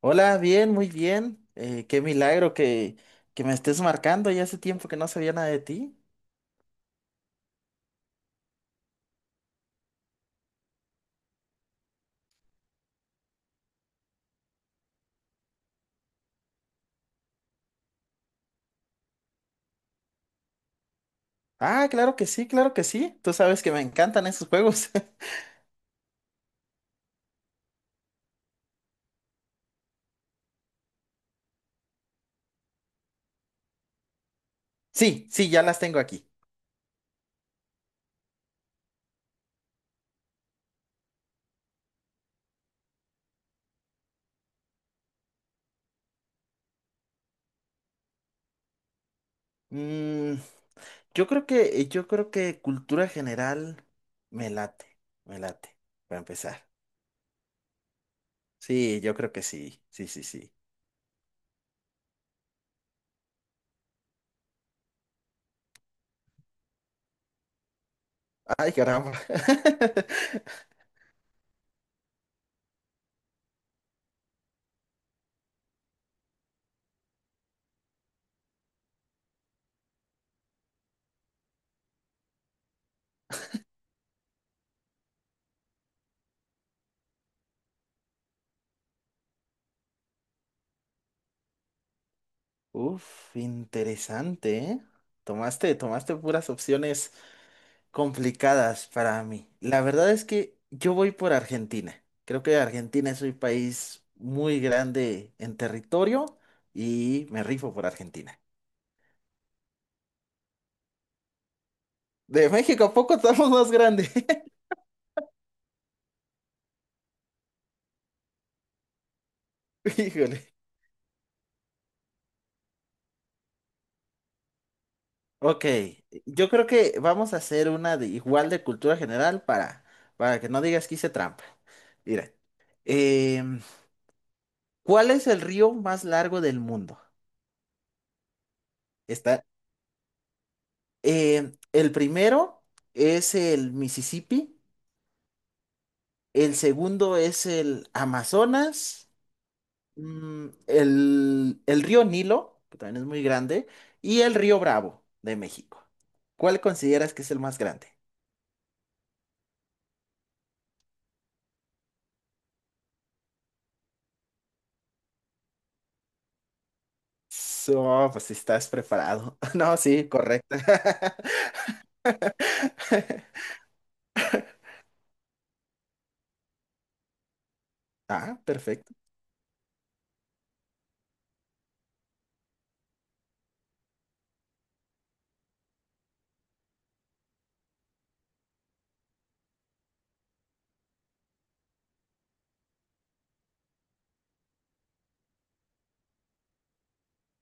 Hola, bien, muy bien. Qué milagro que me estés marcando. Ya hace tiempo que no sabía nada de ti. Ah, claro que sí, claro que sí. Tú sabes que me encantan esos juegos. Sí, sí, ya las tengo aquí. Mm, yo creo que cultura general me late, me late, para empezar. Sí, yo creo que sí, sí, sí, sí. Ay, caramba. Uf, interesante, ¿eh? Tomaste puras opciones complicadas para mí. La verdad es que yo voy por Argentina. Creo que Argentina es un país muy grande en territorio y me rifo por Argentina. De México a poco estamos más grandes. Híjole. Ok, yo creo que vamos a hacer una de igual de cultura general para que no digas que hice trampa. Mira, em, ¿cuál es el río más largo del mundo? Está, el primero es el Mississippi. El segundo es el Amazonas, el río Nilo, que también es muy grande, y el río Bravo de México. ¿Cuál consideras que es el más grande? So, pues si estás preparado. No, sí, correcto. Ah, perfecto.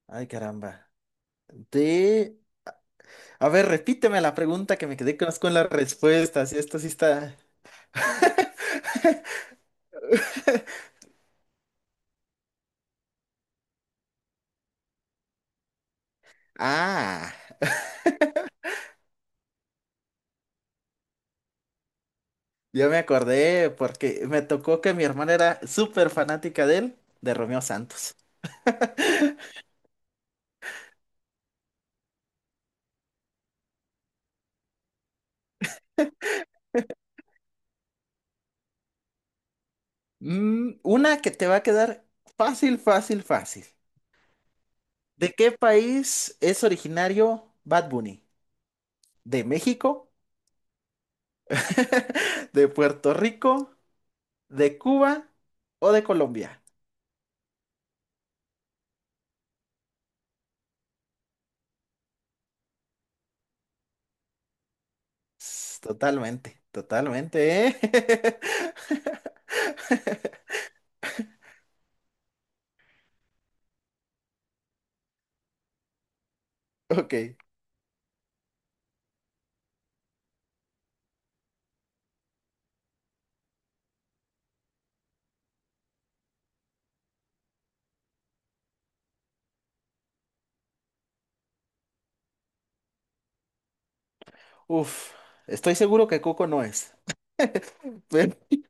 Ay, caramba. De... A ver, repíteme la pregunta que me quedé con las respuestas. Esto sí está... Ah, yo me acordé porque me tocó que mi hermana era súper fanática de él, de Romeo Santos. Mm, una que te va a quedar fácil, fácil, fácil. ¿De qué país es originario Bad Bunny? ¿De México? ¿De Puerto Rico? ¿De Cuba? ¿O de Colombia? Totalmente, totalmente, ¿eh? Ok. Uf, estoy seguro que Coco no es. Pero-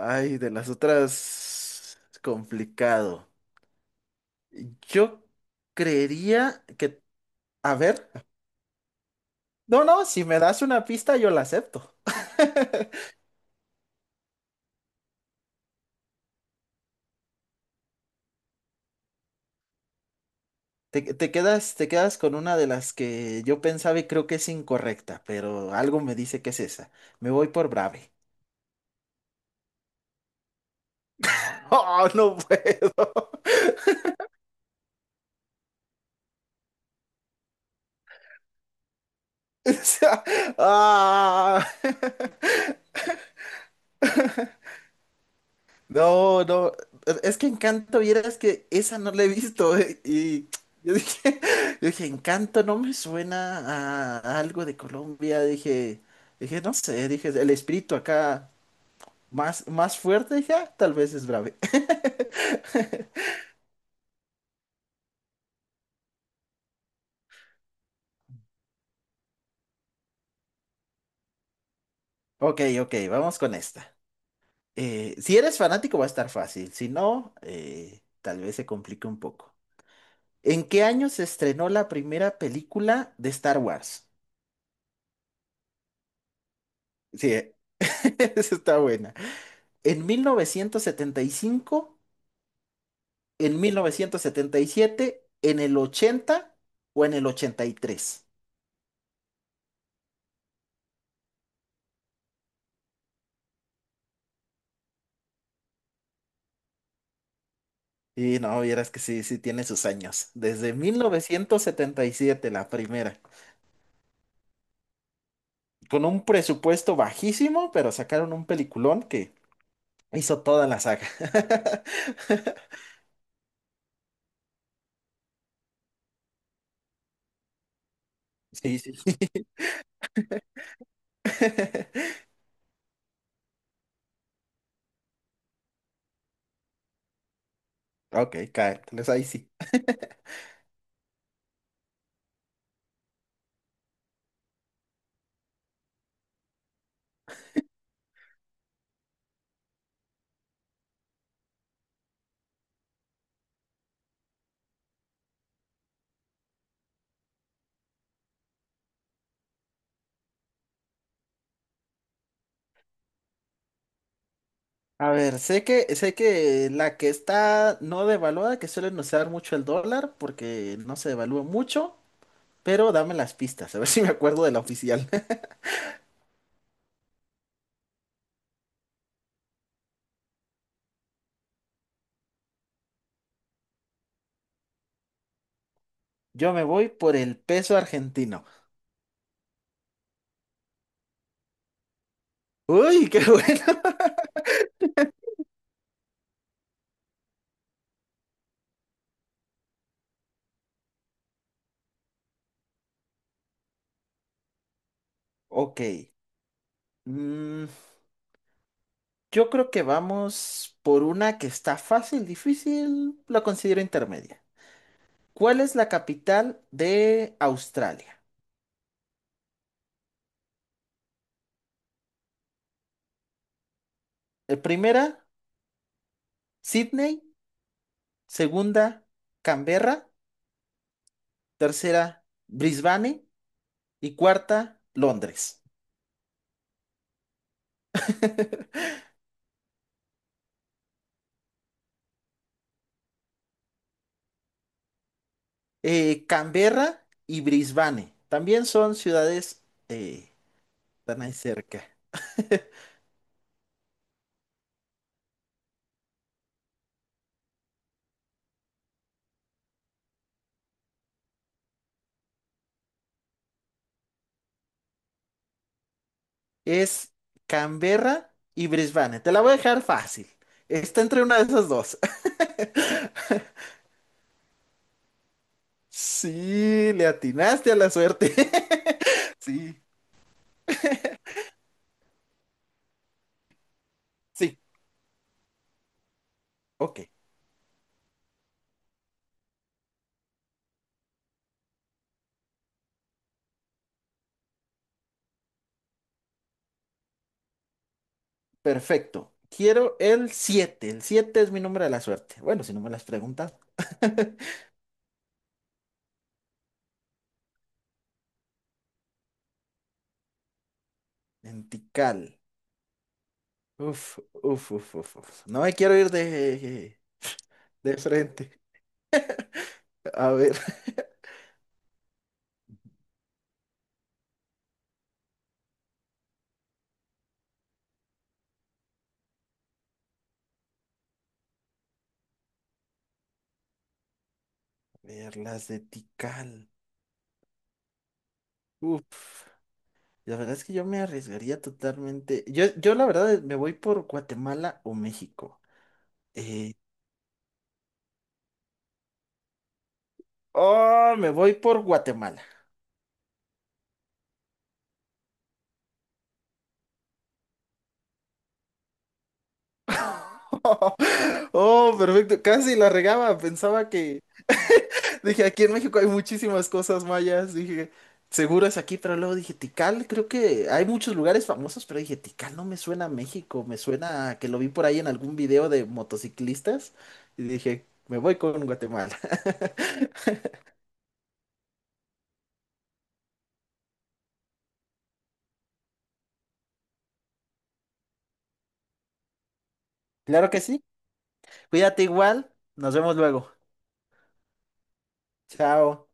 Ay, de las otras, complicado. Yo creería que, a ver. No, no, si me das una pista, yo la acepto. Te quedas con una de las que yo pensaba y creo que es incorrecta, pero algo me dice que es esa. Me voy por Brave. Oh, no puedo. O sea, ah. No, no. Es que Encanto, vieras que esa no la he visto. Y yo dije, yo dije, Encanto no me suena a algo de Colombia. Dije, no sé, dije, el espíritu acá. Más, más fuerte ya, tal vez es brave. Ok, ok, vamos con esta. Si eres fanático va a estar fácil, si no, tal vez se complique un poco. ¿En qué año se estrenó la primera película de Star Wars? Sí, esa está buena. ¿En 1975, en 1977, en el 80 o en el ochenta y tres? Y no, vieras que sí, sí tiene sus años. Desde 1977 la primera. Con un presupuesto bajísimo, pero sacaron un peliculón que hizo toda la saga. Sí, sí. Ok, cae. Les ahí sí. A ver, sé que la que está no devaluada, que suelen usar mucho el dólar, porque no se devalúa mucho, pero dame las pistas, a ver si me acuerdo de la oficial. Yo me voy por el peso argentino. Uy, qué bueno. Ok. mm, Yo creo que vamos por una que está fácil, difícil, la considero intermedia. ¿Cuál es la capital de Australia? Primera, Sydney. Segunda, Canberra. Tercera, Brisbane. Y cuarta, Londres. Canberra y Brisbane también son ciudades, eh, están ahí cerca. Es Canberra y Brisbane. Te la voy a dejar fácil. Está entre una de esas dos. Sí, le atinaste a la suerte. Sí, sí, ok, perfecto. Quiero el siete. El 7 es mi número de la suerte. Bueno, si no me las preguntas. Lentical. Uf, uf, uf, uf, uf. No me quiero ir de, frente. A ver. A ver, las de Tikal. Uf. La verdad es que yo me arriesgaría totalmente. Yo la verdad me voy por Guatemala o México. Eh, oh, me voy por Guatemala. Oh, perfecto. Casi la regaba. Pensaba que. Dije, aquí en México hay muchísimas cosas mayas. Dije, seguro es aquí, pero luego dije, Tikal, creo que hay muchos lugares famosos, pero dije, Tikal no me suena a México. Me suena a que lo vi por ahí en algún video de motociclistas. Y dije, me voy con Guatemala. Claro que sí. Cuídate igual. Nos vemos luego. Chao.